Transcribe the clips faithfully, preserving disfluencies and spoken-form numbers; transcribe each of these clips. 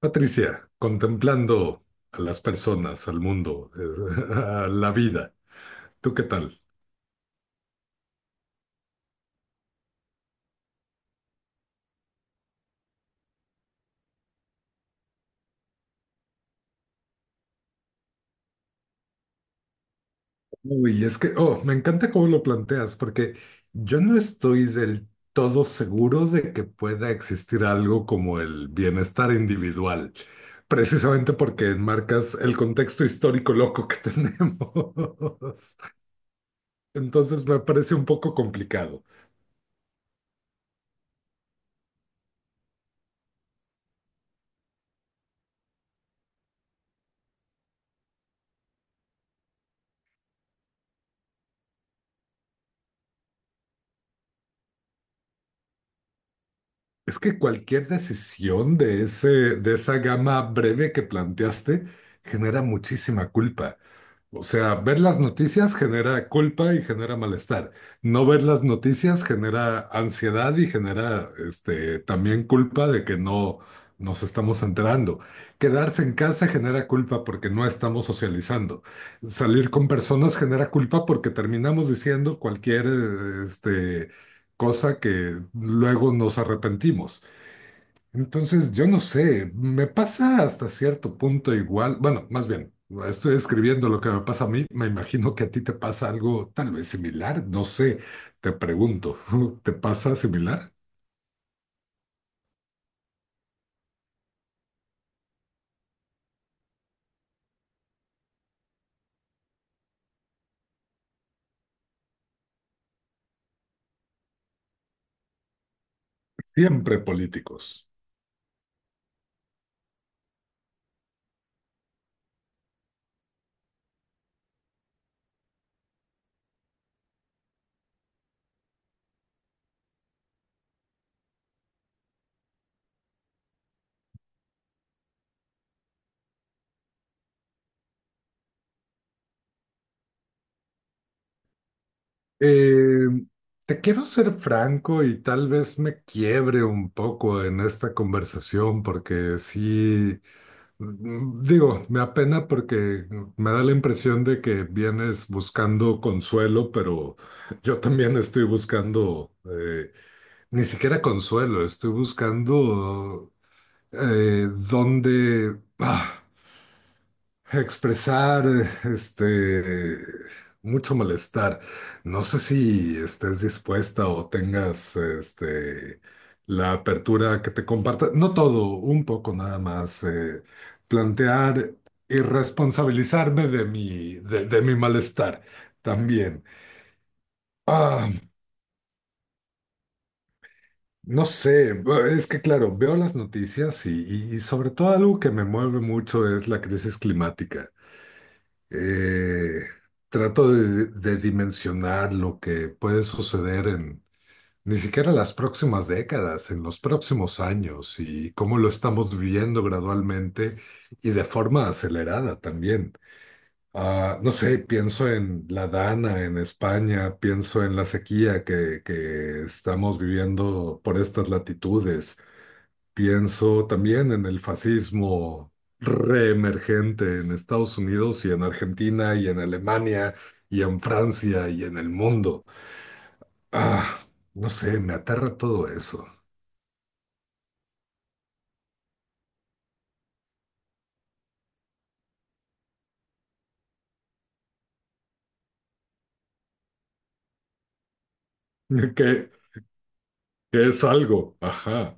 Patricia, contemplando a las personas, al mundo, eh, a la vida, ¿tú qué tal? Uy, es que, oh, me encanta cómo lo planteas, porque yo no estoy del todo seguro de que pueda existir algo como el bienestar individual, precisamente porque enmarcas el contexto histórico loco que tenemos. Entonces me parece un poco complicado. Es que cualquier decisión de ese, de esa gama breve que planteaste genera muchísima culpa. O sea, ver las noticias genera culpa y genera malestar. No ver las noticias genera ansiedad y genera, este, también culpa de que no nos estamos enterando. Quedarse en casa genera culpa porque no estamos socializando. Salir con personas genera culpa porque terminamos diciendo cualquier, eh, este, cosa que luego nos arrepentimos. Entonces, yo no sé, me pasa hasta cierto punto igual, bueno, más bien, estoy escribiendo lo que me pasa a mí, me imagino que a ti te pasa algo tal vez similar, no sé, te pregunto, ¿te pasa similar? Siempre políticos. Eh, Te quiero ser franco y tal vez me quiebre un poco en esta conversación porque sí. Mm, digo, me apena porque me da la impresión de que vienes buscando consuelo, pero yo también estoy buscando, eh, ni siquiera consuelo, estoy buscando, eh, dónde, ah, expresar este mucho malestar. No sé si estés dispuesta o tengas este la apertura que te comparta, no todo, un poco nada más, eh, plantear y responsabilizarme de mi de, de mi malestar también. Ah, no sé, es que claro, veo las noticias y, y y sobre todo algo que me mueve mucho es la crisis climática. eh, Trato de, de dimensionar lo que puede suceder en ni siquiera las próximas décadas, en los próximos años y cómo lo estamos viviendo gradualmente y de forma acelerada también. Ah, no sé, pienso en la Dana en España, pienso en la sequía que, que estamos viviendo por estas latitudes. Pienso también en el fascismo reemergente en Estados Unidos y en Argentina y en Alemania y en Francia y en el mundo. Ah, no sé, me aterra todo eso. Que, que es algo, ajá.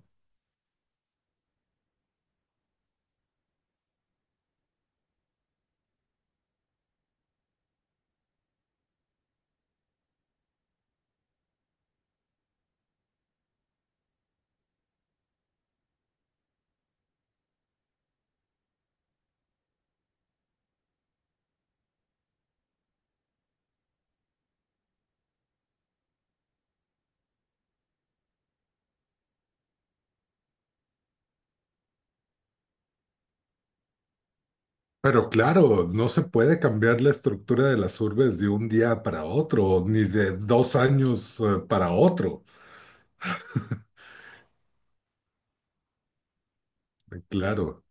Pero claro, no se puede cambiar la estructura de las urbes de un día para otro, ni de dos años, eh, para otro. Claro.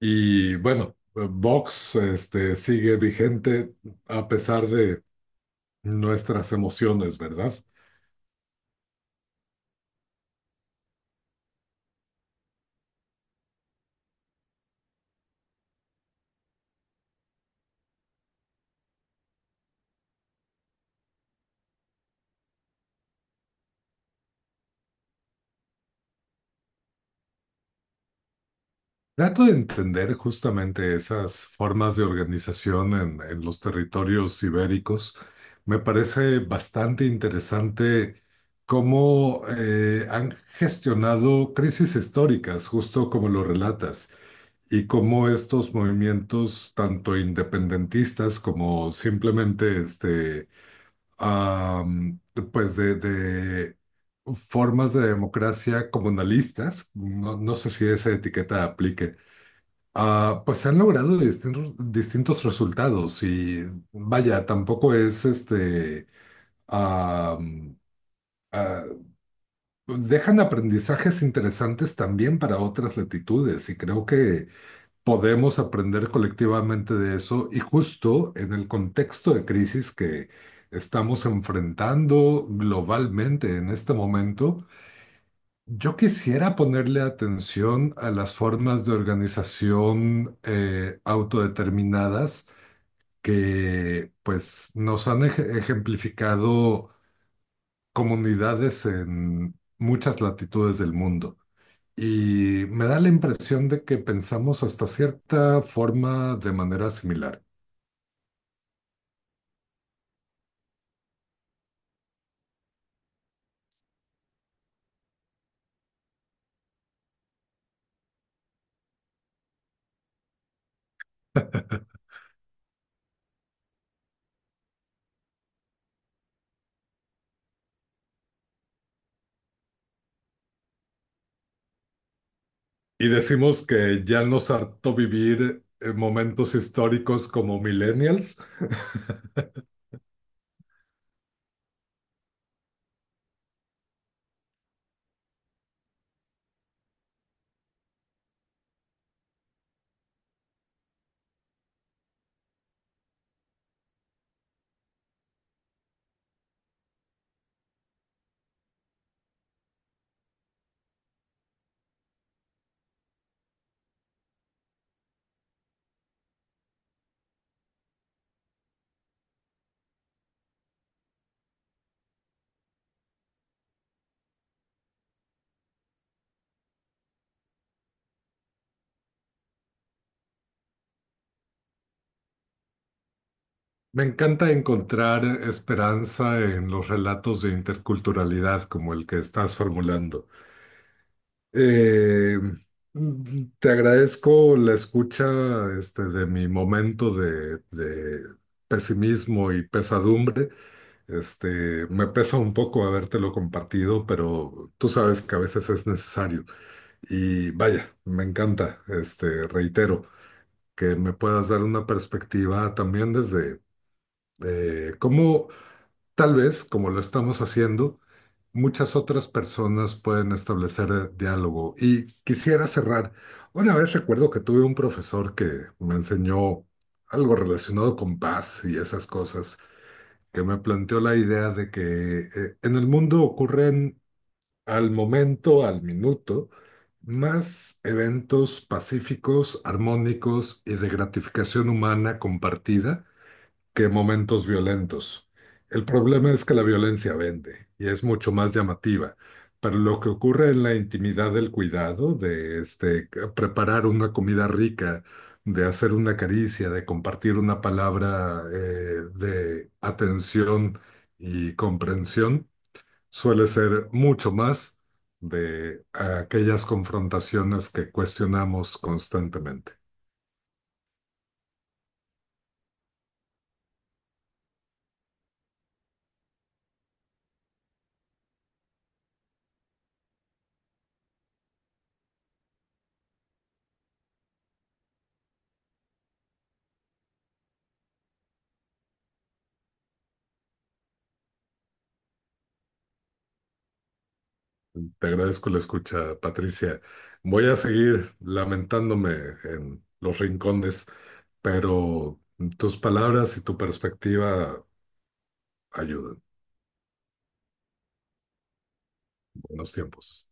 Y bueno, eh, Vox, este, sigue vigente a pesar de nuestras emociones, ¿verdad? Trato de entender justamente esas formas de organización en, en los territorios ibéricos. Me parece bastante interesante cómo, eh, han gestionado crisis históricas, justo como lo relatas, y cómo estos movimientos, tanto independentistas como simplemente, este, am, pues de, de formas de democracia comunalistas, no, no sé si esa etiqueta aplique, ah, pues se han logrado distintos, distintos resultados y vaya, tampoco es, este, am, ah, dejan aprendizajes interesantes también para otras latitudes y creo que podemos aprender colectivamente de eso y justo en el contexto de crisis que estamos enfrentando globalmente en este momento, yo quisiera ponerle atención a las formas de organización, eh, autodeterminadas que pues nos han ej- ejemplificado comunidades en muchas latitudes del mundo. Y me da la impresión de que pensamos hasta cierta forma de manera similar. Y decimos que ya nos hartó vivir, eh, momentos históricos como millennials. Me encanta encontrar esperanza en los relatos de interculturalidad como el que estás formulando. Eh, mm, Te agradezco la escucha, este, de mi momento de, de pesimismo y pesadumbre. Este, me pesa un poco habértelo compartido, pero tú sabes que a veces es necesario. Y vaya, me encanta, este, reitero, que me puedas dar una perspectiva también desde, eh, cómo. Tal vez, como lo estamos haciendo, muchas otras personas pueden establecer, eh, diálogo. Y quisiera cerrar. Una vez recuerdo que tuve un profesor que me enseñó algo relacionado con paz y esas cosas, que me planteó la idea de que, eh, en el mundo ocurren al momento, al minuto, más eventos pacíficos, armónicos y de gratificación humana compartida que momentos violentos. El problema es que la violencia vende y es mucho más llamativa. Pero lo que ocurre en la intimidad del cuidado, de, este, preparar una comida rica, de hacer una caricia, de compartir una palabra, eh, de atención y comprensión, suele ser mucho más de aquellas confrontaciones que cuestionamos constantemente. Te agradezco la escucha, Patricia. Voy a seguir lamentándome en los rincones, pero tus palabras y tu perspectiva ayudan. Buenos tiempos.